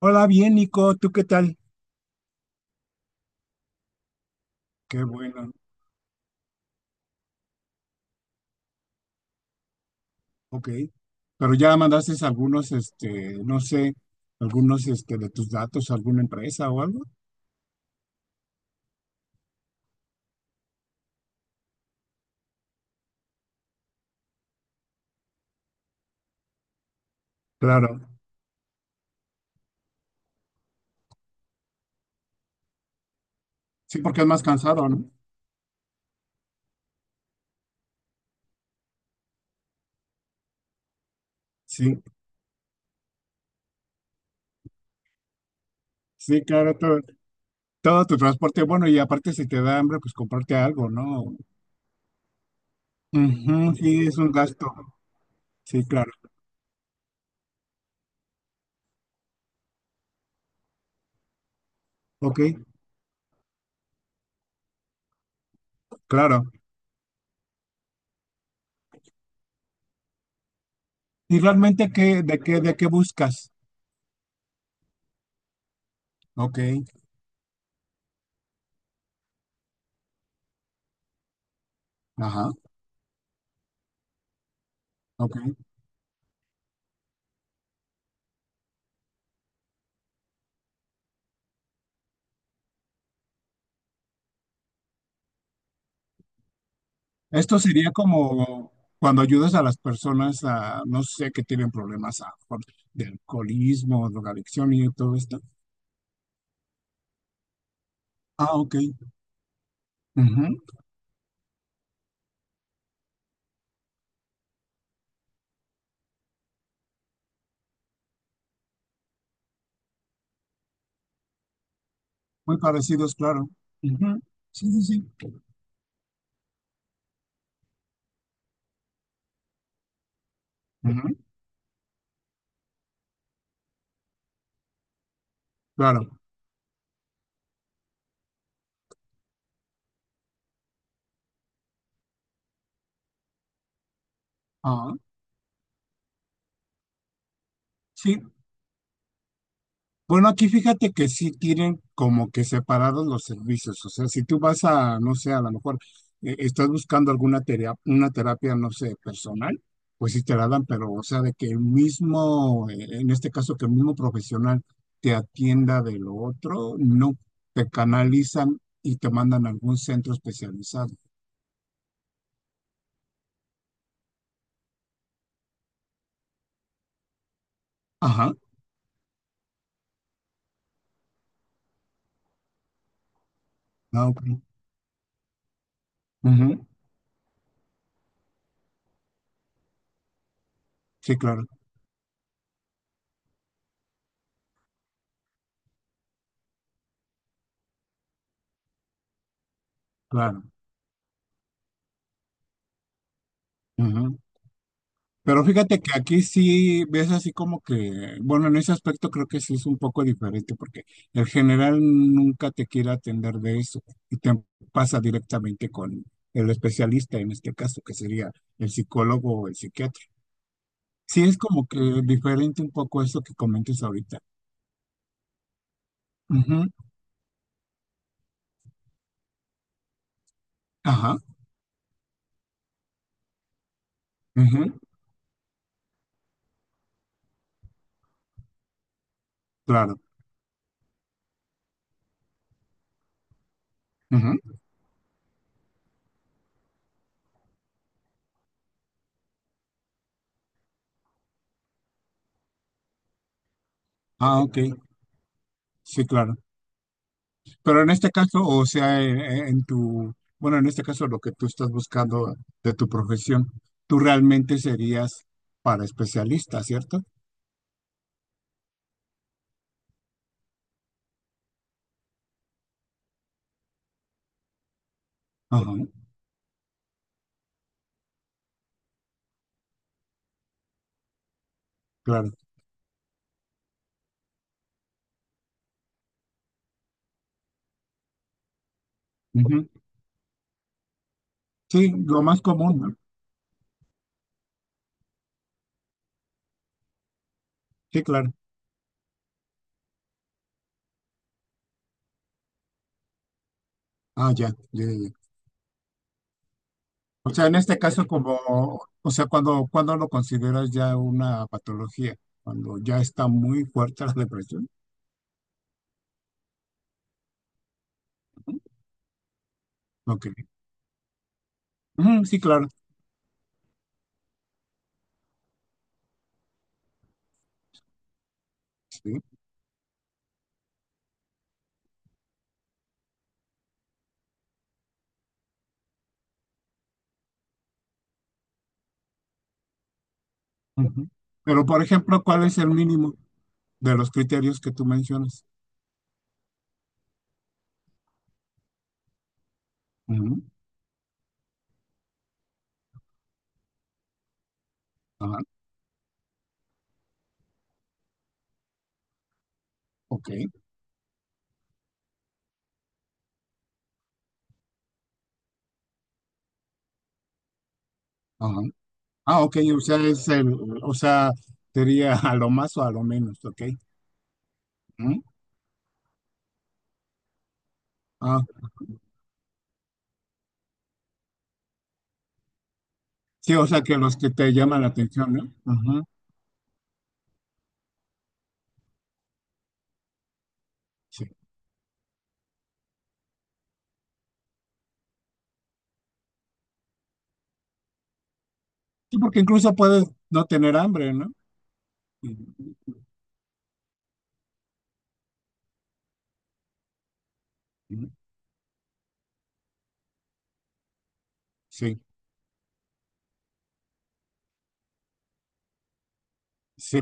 Hola, bien, Nico, ¿tú qué tal? Qué bueno, ok. Pero ya mandaste algunos, no sé, algunos, de tus datos a alguna empresa o algo. Claro, sí, porque es más cansado, ¿no? Sí, sí, claro, todo, todo tu transporte, bueno, y aparte si te da hambre, pues comprarte algo, ¿no? Ujú, sí, es un gasto, sí, claro, ok, claro. ¿Y realmente qué, de qué buscas? Ok, ajá, ok. Esto sería como cuando ayudas a las personas a, no sé, que tienen problemas de alcoholismo, drogadicción y todo esto. Ah, ok. Ujú. Muy parecidos, claro. Ujú. Sí, sí, sí. Ujú. Claro. Ah, sí. Bueno, aquí fíjate que sí tienen como que separados los servicios. O sea, si tú vas a, no sé, a lo mejor estás buscando alguna terapia, una terapia, no sé, personal, pues sí te la dan, pero o sea, de que el mismo, en este caso, que el mismo profesional te atienda de lo otro, no, te canalizan y te mandan a algún centro especializado. Ajá. Ah, ok. Ujú. Sí, claro, claro. Pero fíjate que aquí sí ves así como que, bueno, en ese aspecto creo que sí es un poco diferente porque el general nunca te quiere atender de eso y te pasa directamente con el especialista en este caso, que sería el psicólogo o el psiquiatra. Sí es como que diferente un poco eso que comentas ahorita. Ujú, ajá, ujú, claro. Ujú. Ah, ok, sí, claro. Pero en este caso, o sea, en tu, bueno, en este caso lo que tú estás buscando de tu profesión, tú realmente serías para especialista, ¿cierto? Ajá, claro. Ujú. Sí, lo más común, ¿no? Sí, claro. Ah, ya, ya, ya, ya. O sea, en este caso, como, o sea, cuando lo consideras ya una patología, cuando ya está muy fuerte la depresión. Ok. Ujú, sí, claro. Sí. Ujú. Pero, por ejemplo, ¿cuál es el mínimo de los criterios que tú mencionas? Ujú. Ajá. Ok, ajá. Ah, ok, o sea, es el, o sea, sería a lo más o a lo menos, ok. Ujú. Ah, sí, o sea, que los que te llaman la atención, ¿no? Ajá, sí. Sí, porque incluso puedes no tener hambre, ¿no? Ujú, ujú. Sí, sí,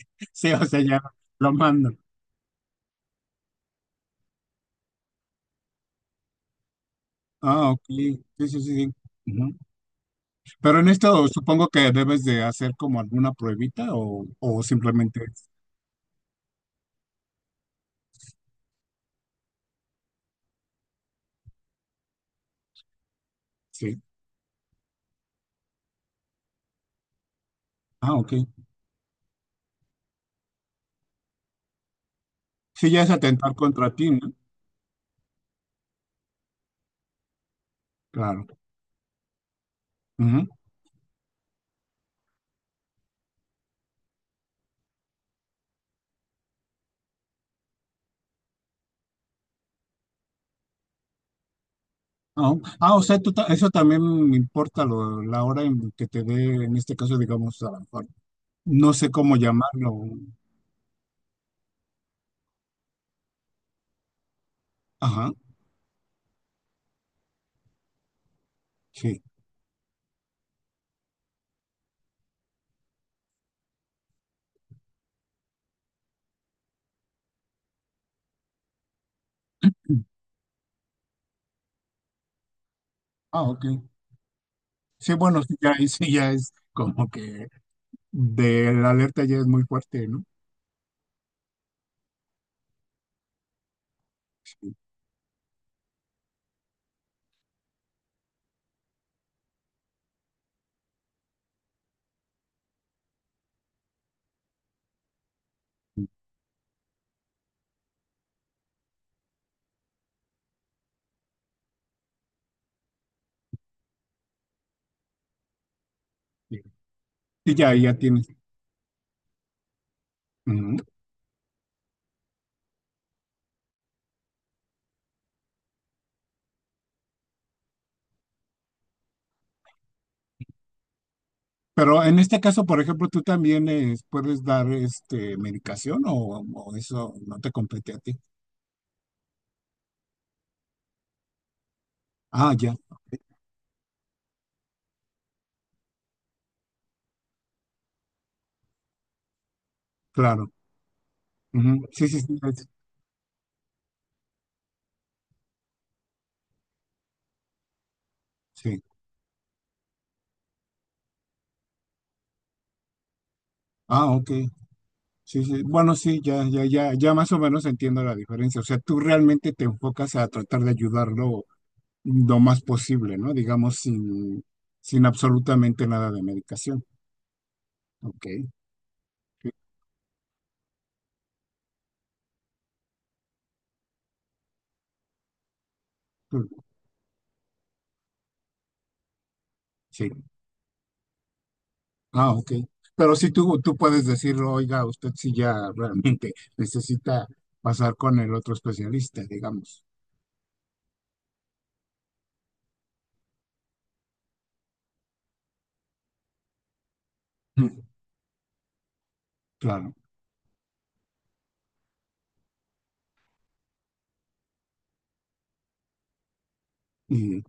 sí, o sea, ya lo mando. Ah, ok, sí, sí, sí, sí. Ujú. Pero en esto supongo que debes de hacer como alguna pruebita o simplemente, es- sí. Ah, ok. Sí, ya es atentar contra ti, ¿no? Claro. Ah, ah, o sea, tú ta- eso también me importa la hora en que te dé, en este caso, digamos, a lo mejor, no sé cómo llamarlo. Ajá, sí. Ah, ok. Sí, bueno, sí, ya, ahí sí, ya es como que de la alerta ya es muy fuerte, ¿no? Sí, sí, ya, ya tienes. Ujú. Pero en este caso, por ejemplo, tú también puedes dar este medicación o eso no te compete a ti. Ah, ya, claro. Ujú. Sí, sí, sí, es- sí. Ah, ok. Sí, sí. Bueno, sí, ya, ya, ya, ya más o menos entiendo la diferencia. O sea, tú realmente te enfocas a tratar de ayudarlo lo más posible, ¿no? Digamos, sin, sin absolutamente nada de medicación. Ok. Sí. Tú- sí. Ah, ok. Pero sí tú puedes decir, oiga, usted sí ya realmente necesita pasar con el otro especialista, digamos. Mm. Claro. Y,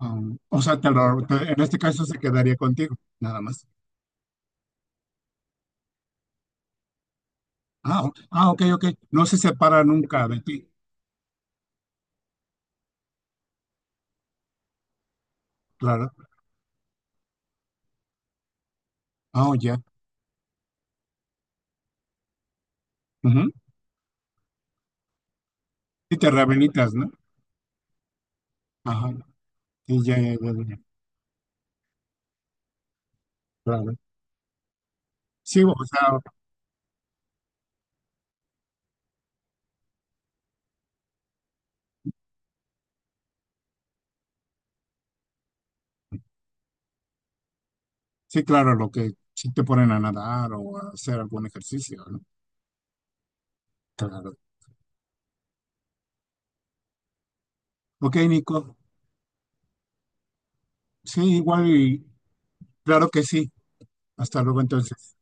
o sea, te- en este caso se quedaría contigo, nada más. Ah, ah, ok, ok. No se separa nunca de ti. Claro. Ah, ya. Ujú. Y te reabilitas, ¿no? Ajá. Y ya, ya, ya, ya. Claro. Sí, o sea, sí, claro, lo que sí te ponen a nadar o a hacer algún ejercicio, ¿no? Claro. Ok, Nico. Sí, igual y claro que sí. Hasta luego entonces.